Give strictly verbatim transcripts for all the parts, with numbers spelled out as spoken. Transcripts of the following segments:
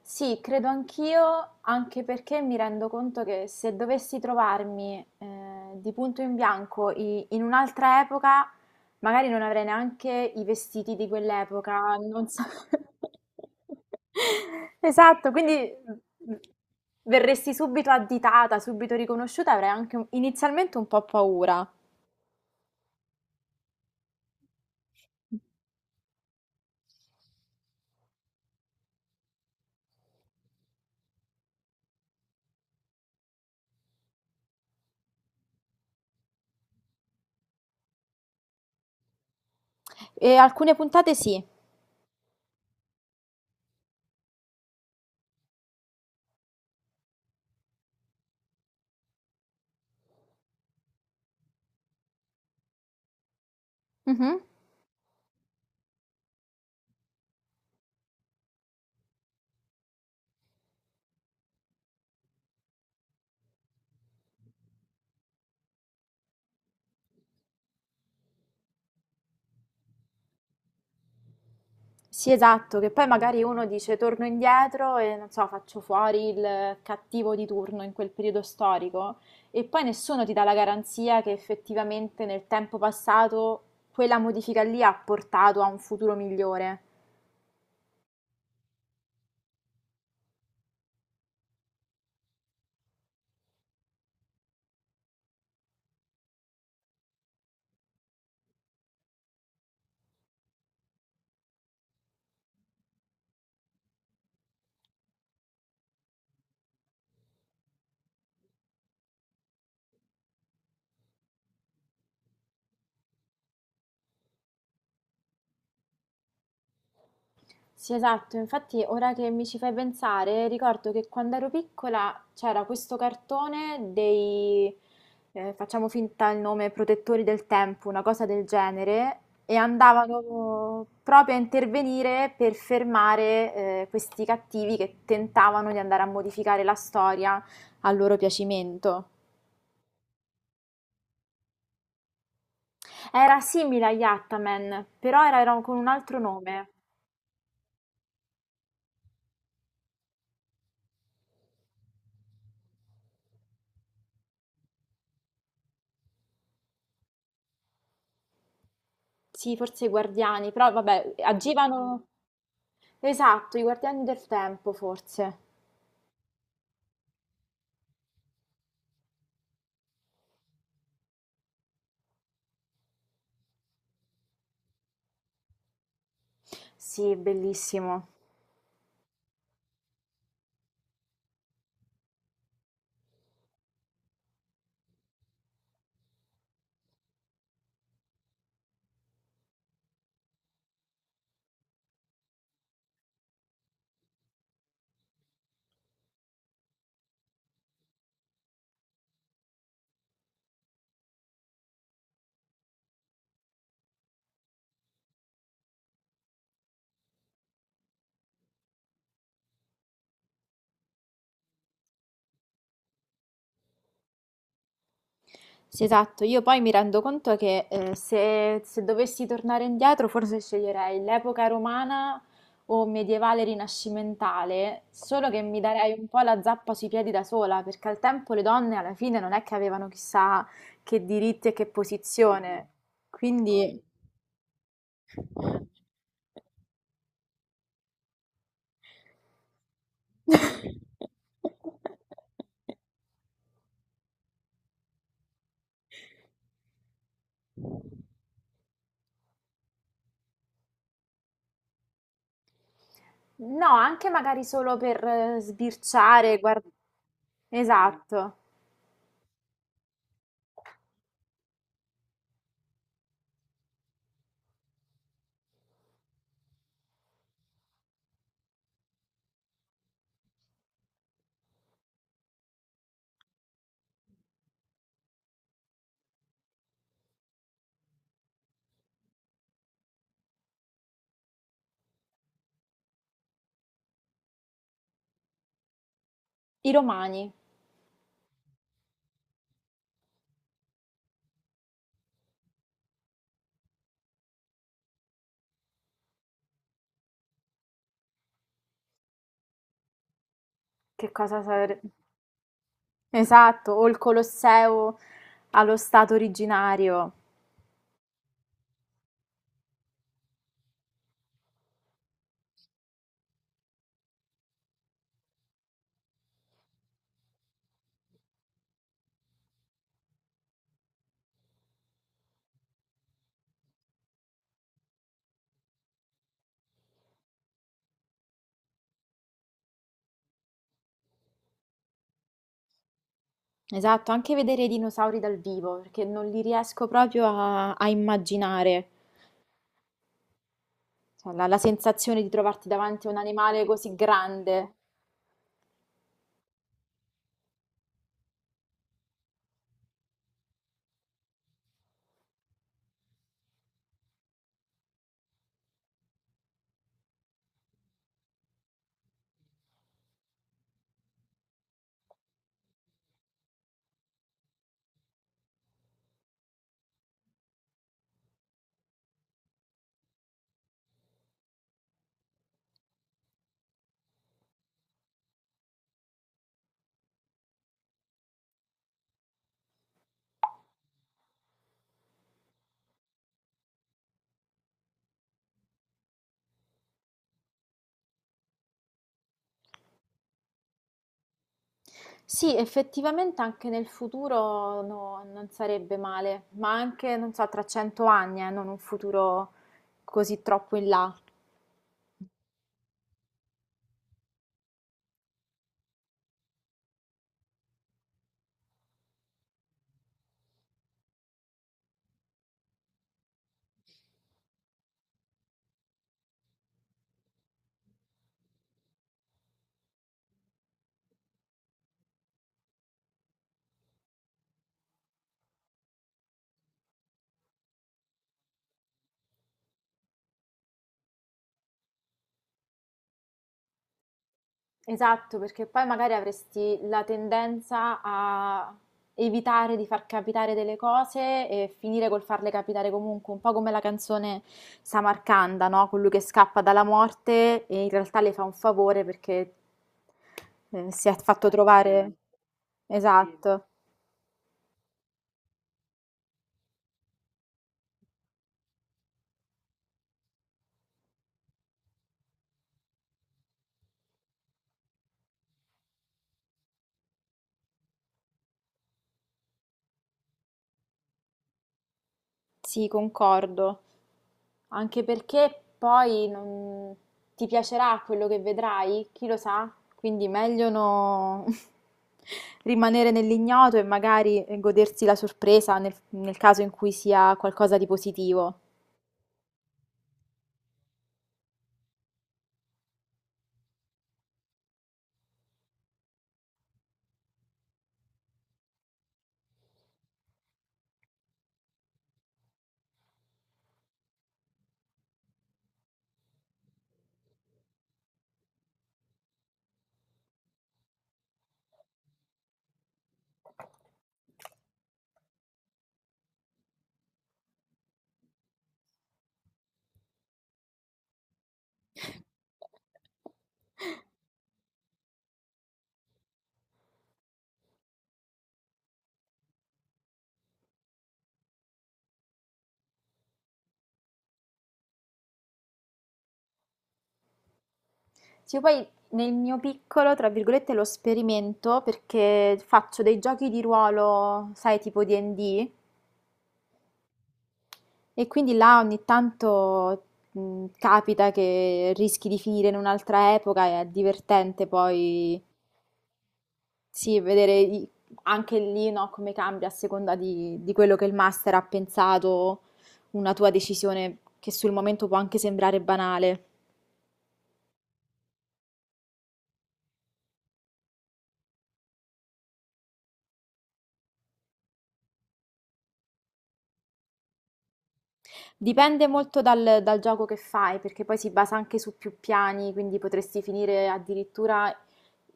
Sì, credo anch'io, anche perché mi rendo conto che se dovessi trovarmi eh, di punto in bianco i- in un'altra epoca, magari non avrei neanche i vestiti di quell'epoca, non so. Esatto, quindi mm, verresti subito additata, subito riconosciuta, avrei anche un- inizialmente un po' paura. E alcune puntate sì. Mhm. Sì, esatto, che poi magari uno dice torno indietro e non so, faccio fuori il cattivo di turno in quel periodo storico e poi nessuno ti dà la garanzia che effettivamente nel tempo passato quella modifica lì ha portato a un futuro migliore. Sì, esatto, infatti ora che mi ci fai pensare, ricordo che quando ero piccola c'era questo cartone dei, eh, facciamo finta il nome, protettori del tempo, una cosa del genere, e andavano proprio a intervenire per fermare, eh, questi cattivi che tentavano di andare a modificare la storia a loro piacimento. Era simile agli Ataman, però era, era con un altro nome. Sì, forse i Guardiani, però vabbè, agivano... Esatto, I Guardiani del Tempo, forse. Sì, bellissimo. Sì, esatto. Io poi mi rendo conto che eh, se, se dovessi tornare indietro, forse sceglierei l'epoca romana o medievale rinascimentale, solo che mi darei un po' la zappa sui piedi da sola, perché al tempo le donne alla fine non è che avevano chissà che diritti e che posizione. Quindi... No, anche magari solo per eh, sbirciare, guardare. Esatto, i romani, che cosa sarebbe? Esatto, o il Colosseo allo stato originario. Esatto, anche vedere i dinosauri dal vivo, perché non li riesco proprio a, a immaginare. Cioè, la, la sensazione di trovarti davanti a un animale così grande. Sì, effettivamente anche nel futuro no- non sarebbe male, ma anche, non so, tra cento anni, eh, non un futuro così troppo in là. Esatto, perché poi magari avresti la tendenza a evitare di far capitare delle cose e finire col farle capitare comunque, un po' come la canzone Samarcanda, no? Colui che scappa dalla morte e in realtà le fa un favore perché eh, si è fatto alla fine, trovare... Sì, esatto. Sì, concordo. Anche perché poi non... ti piacerà quello che vedrai, chi lo sa? Quindi meglio no... rimanere nell'ignoto e magari godersi la sorpresa nel, nel caso in cui sia qualcosa di positivo. Sì, poi nel mio piccolo, tra virgolette, lo sperimento perché faccio dei giochi di ruolo, sai, tipo di and di. E quindi là ogni tanto mh, capita che rischi di finire in un'altra epoca e è divertente poi sì, vedere i- anche lì no, come cambia a seconda di, di quello che il master ha pensato, una tua decisione che sul momento può anche sembrare banale. Dipende molto dal, dal gioco che fai, perché poi si basa anche su più piani, quindi potresti finire addirittura,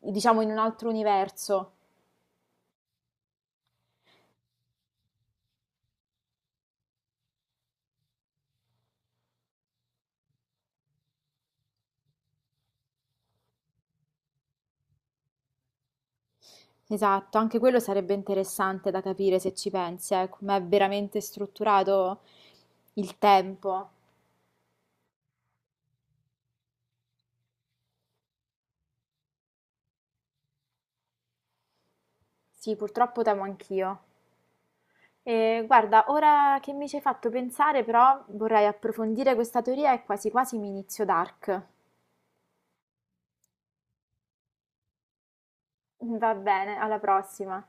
diciamo, in un altro universo. Esatto, anche quello sarebbe interessante da capire se ci pensi, eh, come è veramente strutturato il tempo. Sì, purtroppo temo anch'io. E guarda, ora che mi ci hai fatto pensare, però vorrei approfondire questa teoria e quasi quasi mi inizio Dark. Va bene, alla prossima.